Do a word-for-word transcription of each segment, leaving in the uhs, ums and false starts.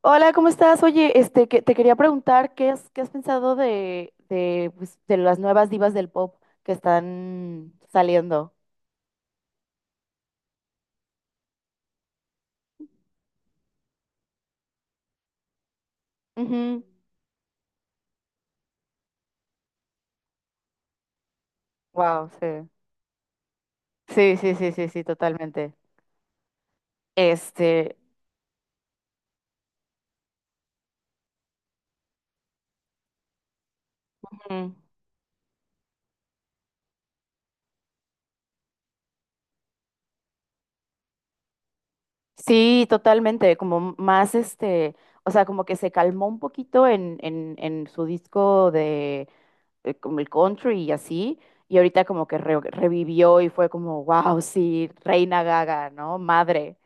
Hola, ¿cómo estás? Oye, este, que- te quería preguntar qué has, qué has pensado de, de, pues, de las nuevas divas del pop que están saliendo. Wow, sí. Sí, sí, sí, sí, sí, totalmente. Este, ujú. Sí, totalmente, como más este, o sea, como que se calmó un poquito en, en, en su disco de, eh, como el country y así, y ahorita como que re- revivió y fue como, wow, sí, Reina Gaga, ¿no? Madre.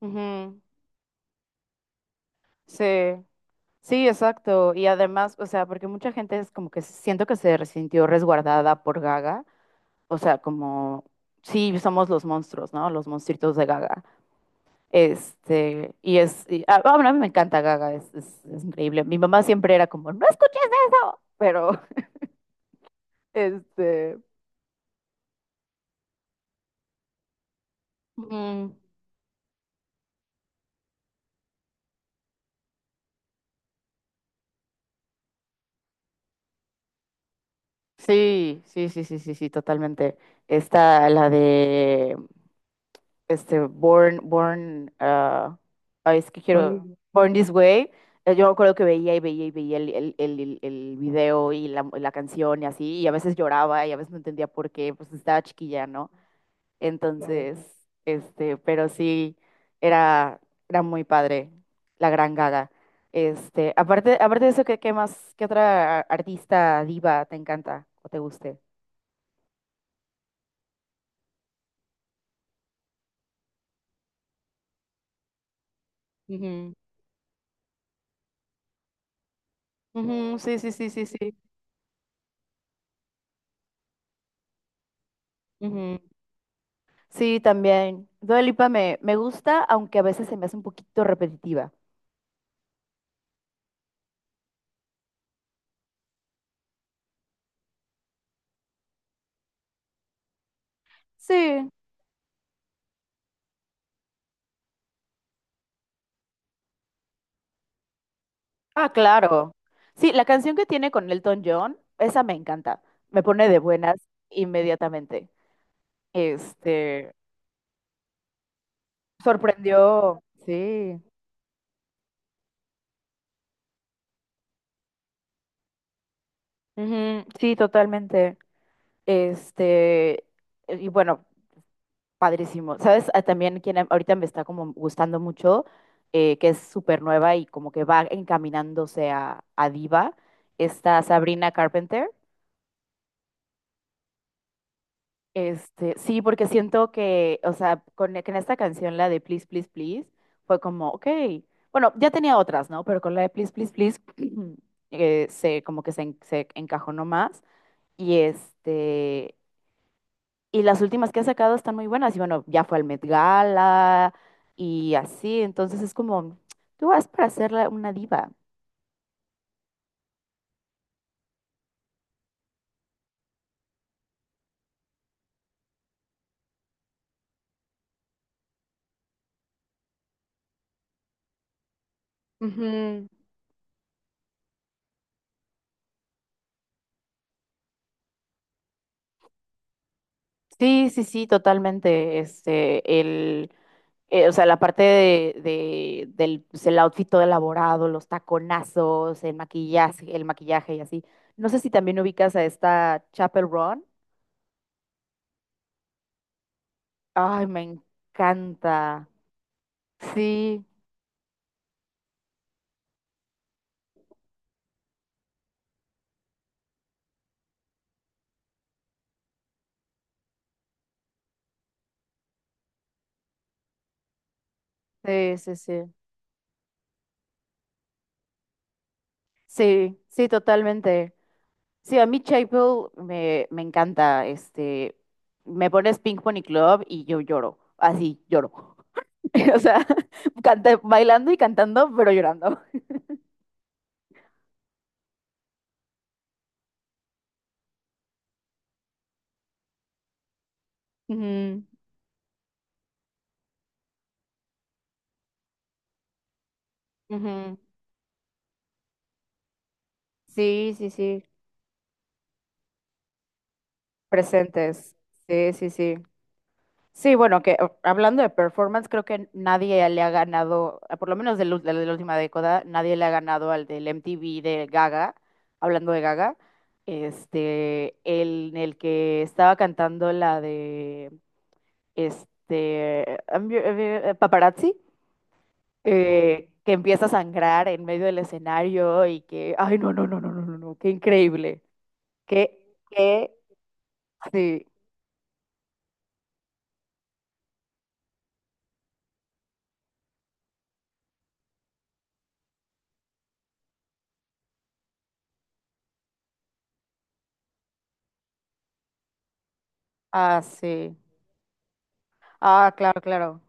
Ujú. Sí, sí, exacto. Y además, o sea, porque mucha gente es como que siento que se sintió resguardada por Gaga. O sea, como, sí, somos los monstruos, ¿no? Los monstruitos de Gaga. Este, y es, y- ah, bueno, a mí me encanta Gaga, es, es, es increíble. Mi mamá siempre era como, no escuches eso. Pero, este, mm, sí, sí, sí, sí, sí, sí, totalmente. Está la de este, Born, Born, ah, ay, es que quiero, Bueno, Born This Way. eh, Yo me acuerdo que veía y veía y veía el, el, el, el- el video y la, la canción y así, y a veces lloraba y a veces no entendía por qué, pues estaba chiquilla, ¿no? Claro. Entonces, este, pero sí, era, era muy padre, la gran Gaga. Este, aparte, aparte de eso, ¿qué, qué más, qué otra artista diva te encanta o te guste? Ujú, ujú, sí, sí, sí, sí, sí. Sí, también. Dua Lipa me, me gusta, aunque a veces se me hace un poquito repetitiva. Sí. Ah, claro. Sí, la canción que tiene con Elton John, esa me encanta. Me pone de buenas inmediatamente. Este, sorprendió. Sí. Ujú, sí, totalmente. Este, y bueno, Padrísimo. ¿Sabes? Ah, también quien a- ahorita me está como gustando mucho, eh, que es súper nueva y como que va encaminándose a, a diva, está Sabrina Carpenter. Este, sí, porque siento que, o sea, con, que en esta canción, la de Please, Please, Please, fue como, ok, bueno, ya tenía otras, ¿no? Pero con la de Please, Please, Please, eh, se, como que se, en- se encajonó más. Y este, Y las últimas que ha sacado están muy buenas. Y bueno, ya fue al Met Gala y así. Entonces es como, tú vas para ser la- una diva. Ujú. Sí, sí, sí, totalmente. Este, el, eh, o sea, la parte de, de- del pues, el outfit todo elaborado, los taconazos, el maquillaje, el maquillaje y así. No sé si también ubicas a esta Chapel Ron. Ay, me encanta. Sí, sí, sí, sí. Sí, sí, totalmente. Sí, a mí Chapel me, me encanta. Este, me pones Pink Pony Club y yo lloro. Así, lloro. O sea, canta- bailando y cantando, pero llorando. Ujú, ujú. Sí, sí, sí. Presentes. Sí, sí, sí. Sí, bueno, que o- hablando de performance, creo que nadie le ha ganado, ah, por lo menos de, la de la última década, nadie le ha ganado al del M T V de Gaga, hablando de Gaga, este, el, en el que estaba cantando la de, este, I'm your- eh, Paparazzi, eh, que empieza a sangrar en medio del escenario y que, ay, no, no, no, no, no, no, no, qué increíble, qué, qué, sí, ah, sí, ah, claro, claro.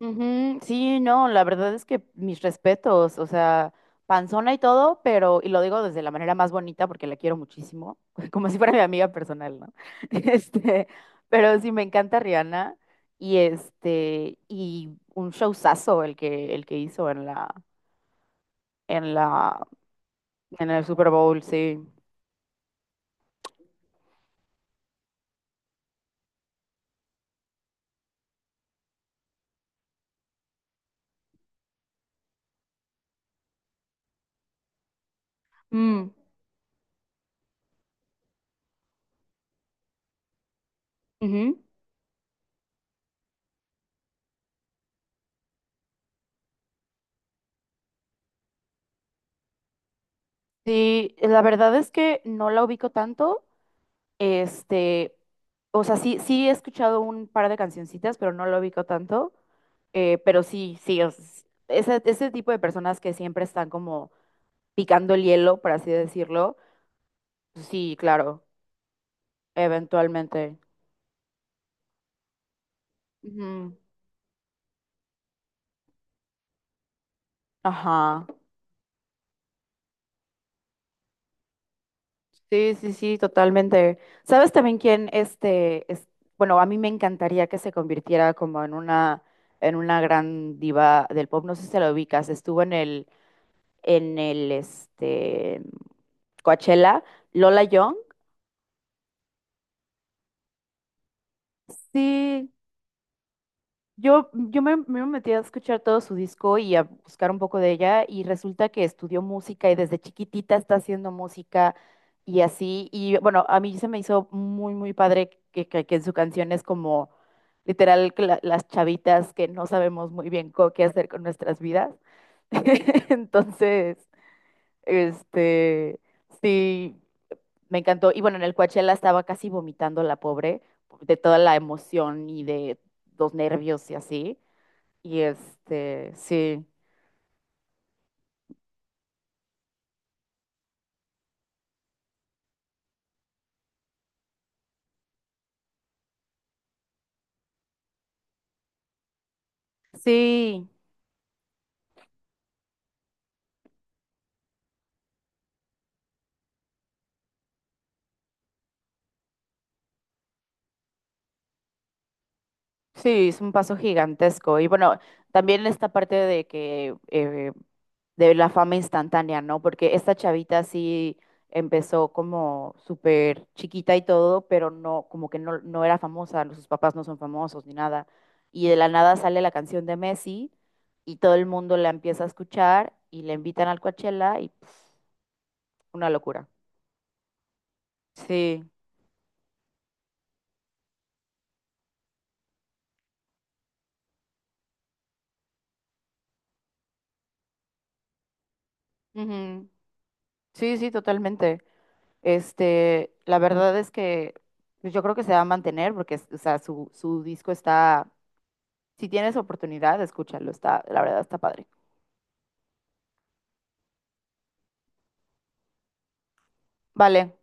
Ujú, sí, no, la verdad es que mis respetos, o sea, panzona y todo, pero, y lo digo desde la manera más bonita porque la quiero muchísimo, como si fuera mi amiga personal, ¿no? Este, pero sí me encanta Rihanna y este, y un showzazo el que, el que hizo en la, en la, en el Super Bowl, sí. Mm, ujú. Sí, la verdad es que no la ubico tanto. Este, o sea, sí, sí he escuchado un par de cancioncitas, pero no lo ubico tanto. Eh, pero sí, sí, o s- ese, ese tipo de personas que siempre están como picando el hielo, por así decirlo. Sí, claro, eventualmente. Ujú. Ajá. Sí, sí, sí, totalmente. ¿Sabes también quién este es, bueno, a mí me encantaría que se convirtiera como en una en una gran diva del pop, no sé si se la ubicas, estuvo en el en el este, Coachella, Lola Young. Sí, yo, yo me, me metí a escuchar todo su disco y a buscar un poco de ella y resulta que estudió música y desde chiquitita está haciendo música y así. Y bueno, a mí se me hizo muy, muy padre que, que, que en su canción es como literal que la- las chavitas que no sabemos muy bien co- qué hacer con nuestras vidas. Entonces, este, sí, me encantó. Y bueno, en el Coachella estaba casi vomitando la pobre de toda la emoción y de los nervios y así. Y este, sí, sí. Sí, es un paso gigantesco. Y bueno, también esta parte de que eh, de la fama instantánea, ¿no? Porque esta chavita sí empezó como súper chiquita y todo, pero no, como que no, no era famosa, sus papás no son famosos ni nada. Y de la nada sale la canción de Messi y todo el mundo la empieza a escuchar y la invitan al Coachella y pf, una locura. Sí. Ujú. Sí, sí, totalmente. Este, la verdad es que pues, yo creo que se va a mantener porque, es- o sea, su, su disco está, si tienes oportunidad, escúchalo, está, la verdad está padre. Vale.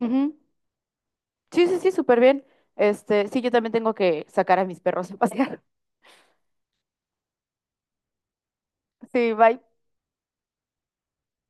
Ujú. Sí, sí, sí, súper bien. Este, sí, yo también tengo que sacar a mis perros a pasear. Sí, bye.